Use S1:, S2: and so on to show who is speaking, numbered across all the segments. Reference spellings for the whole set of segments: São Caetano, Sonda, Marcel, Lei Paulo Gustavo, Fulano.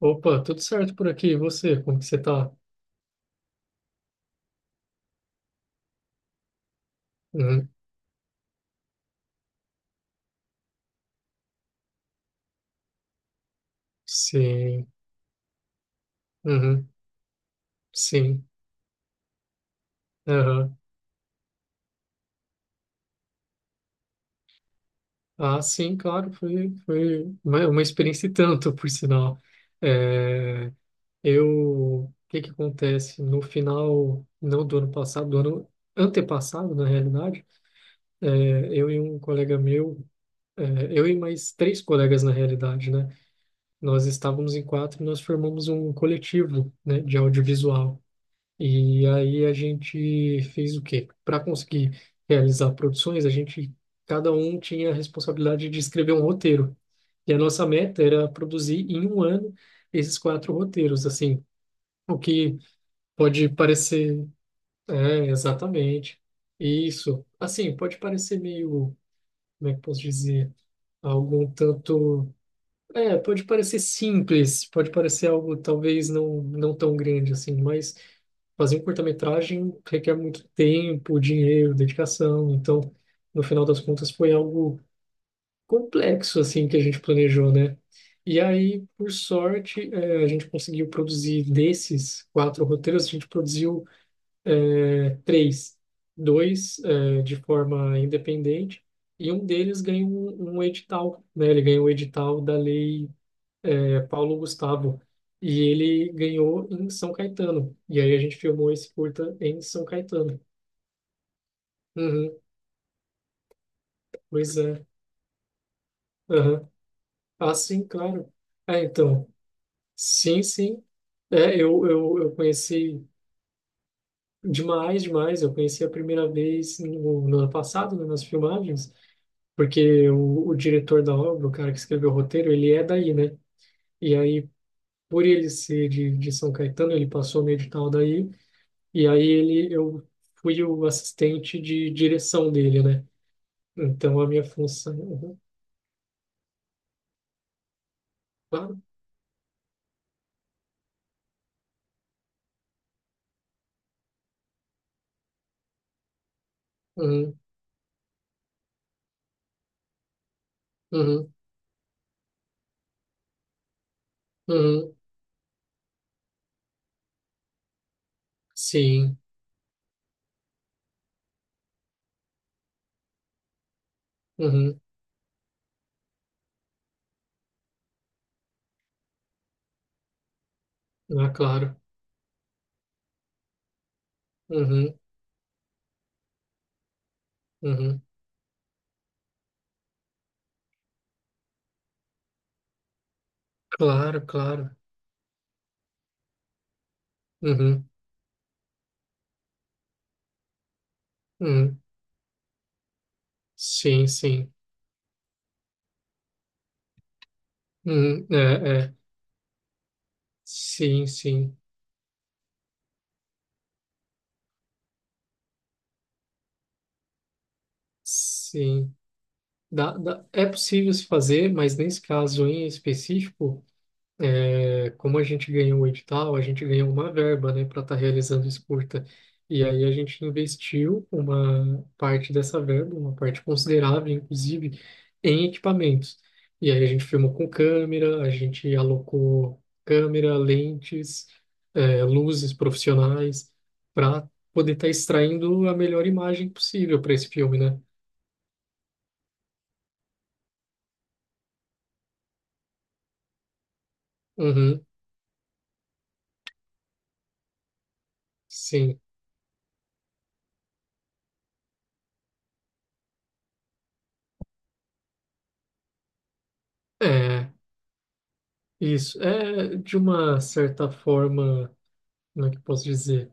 S1: Opa, tudo certo por aqui. E você, como que você tá? Uhum. Sim, uhum. Sim, aham. Ah, sim, claro, foi uma experiência e tanto, por sinal. É, o que que acontece? No final, não do ano passado, do ano antepassado, na realidade, é, eu e um colega meu, é, eu e mais três colegas, na realidade, né? Nós estávamos em quatro e nós formamos um coletivo, né, de audiovisual. E aí a gente fez o quê? Para conseguir realizar produções, a gente cada um tinha a responsabilidade de escrever um roteiro. E a nossa meta era produzir em um ano esses quatro roteiros, assim, o que pode parecer, é, exatamente. Isso, assim, pode parecer meio, como é que posso dizer, algum tanto, pode parecer simples, pode parecer algo talvez não tão grande assim, mas fazer um curta-metragem requer muito tempo, dinheiro, dedicação. Então, no final das contas, foi algo complexo assim que a gente planejou, né? E aí, por sorte, a gente conseguiu produzir desses quatro roteiros, a gente produziu três, dois, de forma independente. E um deles ganhou um edital, né? Ele ganhou o edital da Lei, Paulo Gustavo. E ele ganhou em São Caetano. E aí a gente filmou esse curta em São Caetano. Uhum, pois é. Uhum. Ah, sim, claro. É, então, sim, sim. É, eu conheci demais, demais. Eu conheci a primeira vez no ano passado, né, nas filmagens, porque o diretor da obra, o cara que escreveu o roteiro, ele é daí, né? E aí, por ele ser de São Caetano, ele passou no edital daí, e aí eu fui o assistente de direção dele, né? Então, a minha função... Uhum, claro. Uhum, uhum, uhum, sim. Uhum. Ah, claro. Uhum. Uhum. Claro, claro. Uhum. Uhum. Sim, sim. Uhum. É, é. Sim, sim. Sim. Dá, dá. É possível se fazer, mas nesse caso em específico. É, como a gente ganhou o edital, a gente ganhou uma verba, né, para estar realizando esse curta. E aí a gente investiu uma parte dessa verba, uma parte considerável, inclusive, em equipamentos. E aí a gente filmou com câmera, a gente alocou câmera, lentes, luzes profissionais, para poder estar extraindo a melhor imagem possível para esse filme, né? Uhum, sim. É, isso. É, de uma certa forma. Como é que eu posso dizer?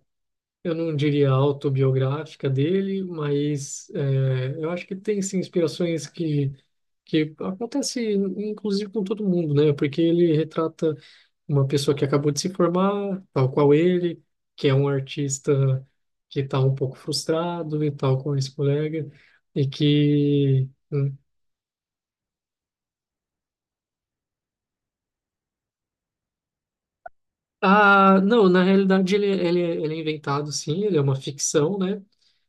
S1: Eu não diria autobiográfica dele, mas eu acho que tem sim inspirações que acontece inclusive com todo mundo, né? Porque ele retrata uma pessoa que acabou de se formar, tal qual ele, que é um artista que está um pouco frustrado e tal com esse colega. e que... hum, Ah, não, na realidade ele é inventado sim, ele é uma ficção, né?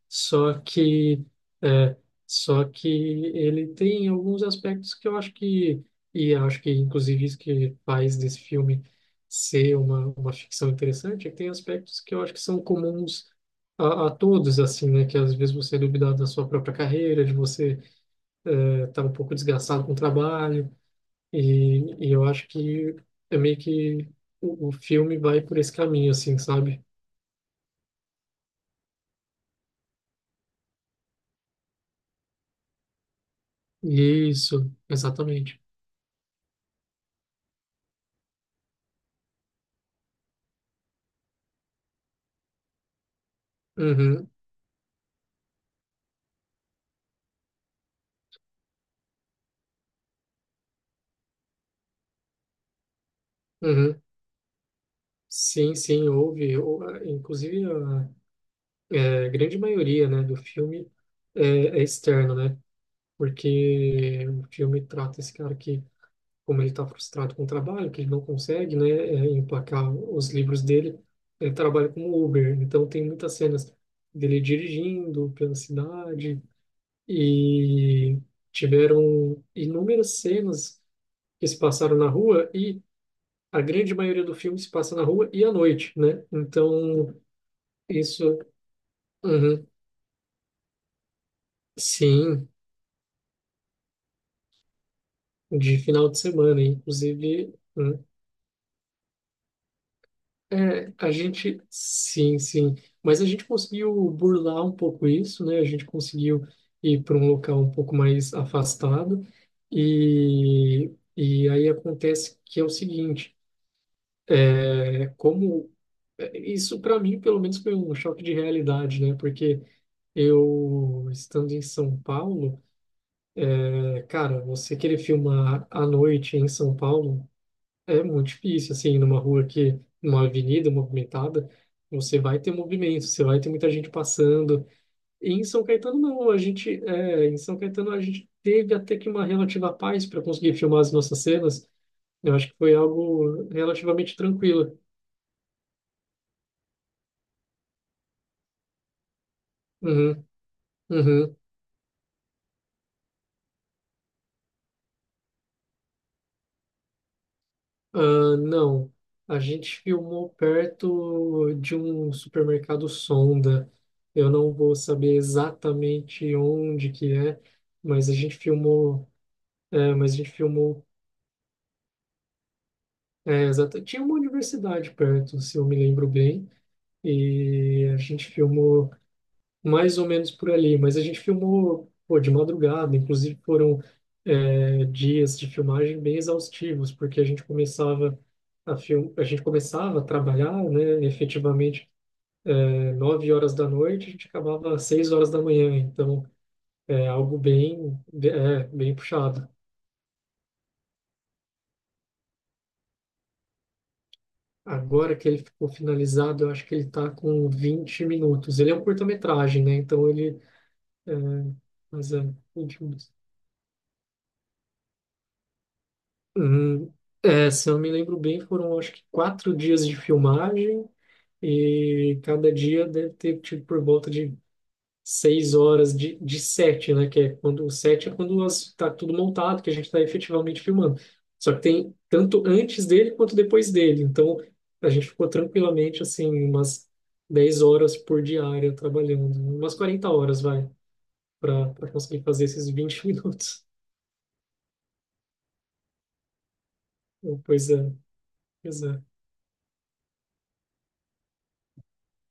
S1: Só que, é, só que ele tem alguns aspectos que eu acho que, e eu acho que inclusive isso que faz desse filme ser uma ficção interessante, é que tem aspectos que eu acho que são comuns a todos, assim, né? Que às vezes você é duvidado da sua própria carreira, de você estar um pouco desgastado com o trabalho, e eu acho que é meio que o filme vai por esse caminho, assim, sabe? Isso, exatamente. Uhum, uhum. Sim, sim, houve. Ah, inclusive, a grande maioria, né, do filme é externo, né? Porque o filme trata esse cara que, como ele está frustrado com o trabalho, que ele não consegue, né, emplacar os livros dele, ele trabalha como Uber. Então, tem muitas cenas dele dirigindo pela cidade e tiveram inúmeras cenas que se passaram na rua e a grande maioria do filme se passa na rua e à noite, né? Então isso, uhum, sim, de final de semana, inclusive. A gente, sim, sim, mas a gente conseguiu burlar um pouco isso, né? A gente conseguiu ir para um local um pouco mais afastado e, e aí acontece que é o seguinte, é, como isso para mim pelo menos foi um choque de realidade, né? Porque eu estando em São Paulo, cara, você querer filmar à noite em São Paulo é muito difícil, assim, numa rua que, numa avenida movimentada, você vai ter movimento, você vai ter muita gente passando. E em São Caetano, não, em São Caetano, a gente teve até que uma relativa paz para conseguir filmar as nossas cenas. Eu acho que foi algo relativamente tranquilo. Uhum, uhum. Ah, não, a gente filmou perto de um supermercado Sonda. Eu não vou saber exatamente onde que é, mas a gente filmou. Mas a gente filmou. Tinha uma universidade perto, se eu me lembro bem, e a gente filmou mais ou menos por ali, mas a gente filmou, pô, de madrugada, inclusive foram, dias de filmagem bem exaustivos, porque a gente começava a gente começava a trabalhar, né, efetivamente, 9 horas da noite, a gente acabava às 6 horas da manhã, então é algo bem, bem puxado. Agora que ele ficou finalizado, eu acho que ele tá com 20 minutos. Ele é um curta-metragem, né? Então ele. Mas 20 minutos. Hum, Se eu me lembro bem, foram acho que 4 dias de filmagem e cada dia deve ter tido por volta de 6 horas de sete, né? Que é quando o set é quando está tudo montado, que a gente está efetivamente filmando. Só que tem tanto antes dele quanto depois dele. Então a gente ficou tranquilamente assim umas 10 horas por diária trabalhando, umas 40 horas vai para conseguir fazer esses vinte minutos. Então, pois é, pois é,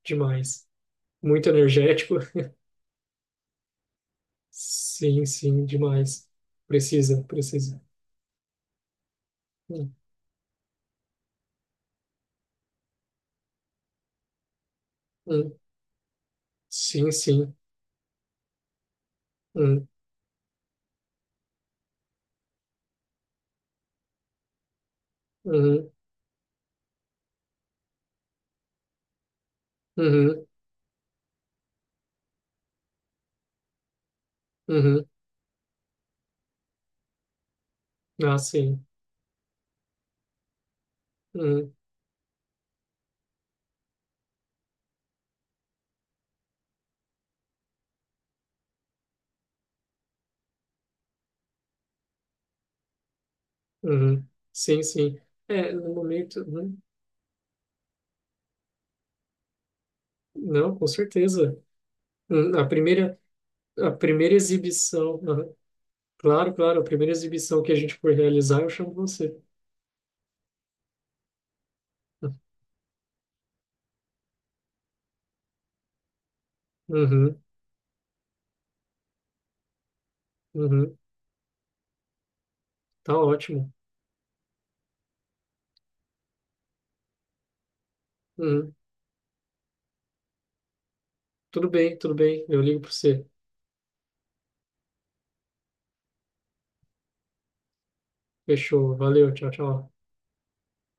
S1: demais. Muito energético. Sim, sim, demais. Precisa, precisa. Hum, hum, sim, sim. Hum, uhum, uhum, uhum. Ah, sim. Uhum, uhum. Sim, sim. É, no momento, uhum. Não, com certeza. Uhum. A primeira exibição, uhum. Claro, claro, a primeira exibição que a gente for realizar, eu chamo você. Uhum, uhum. Tá ótimo. Uhum. Tudo bem, tudo bem. Eu ligo para você. Fechou. Valeu, tchau, tchau.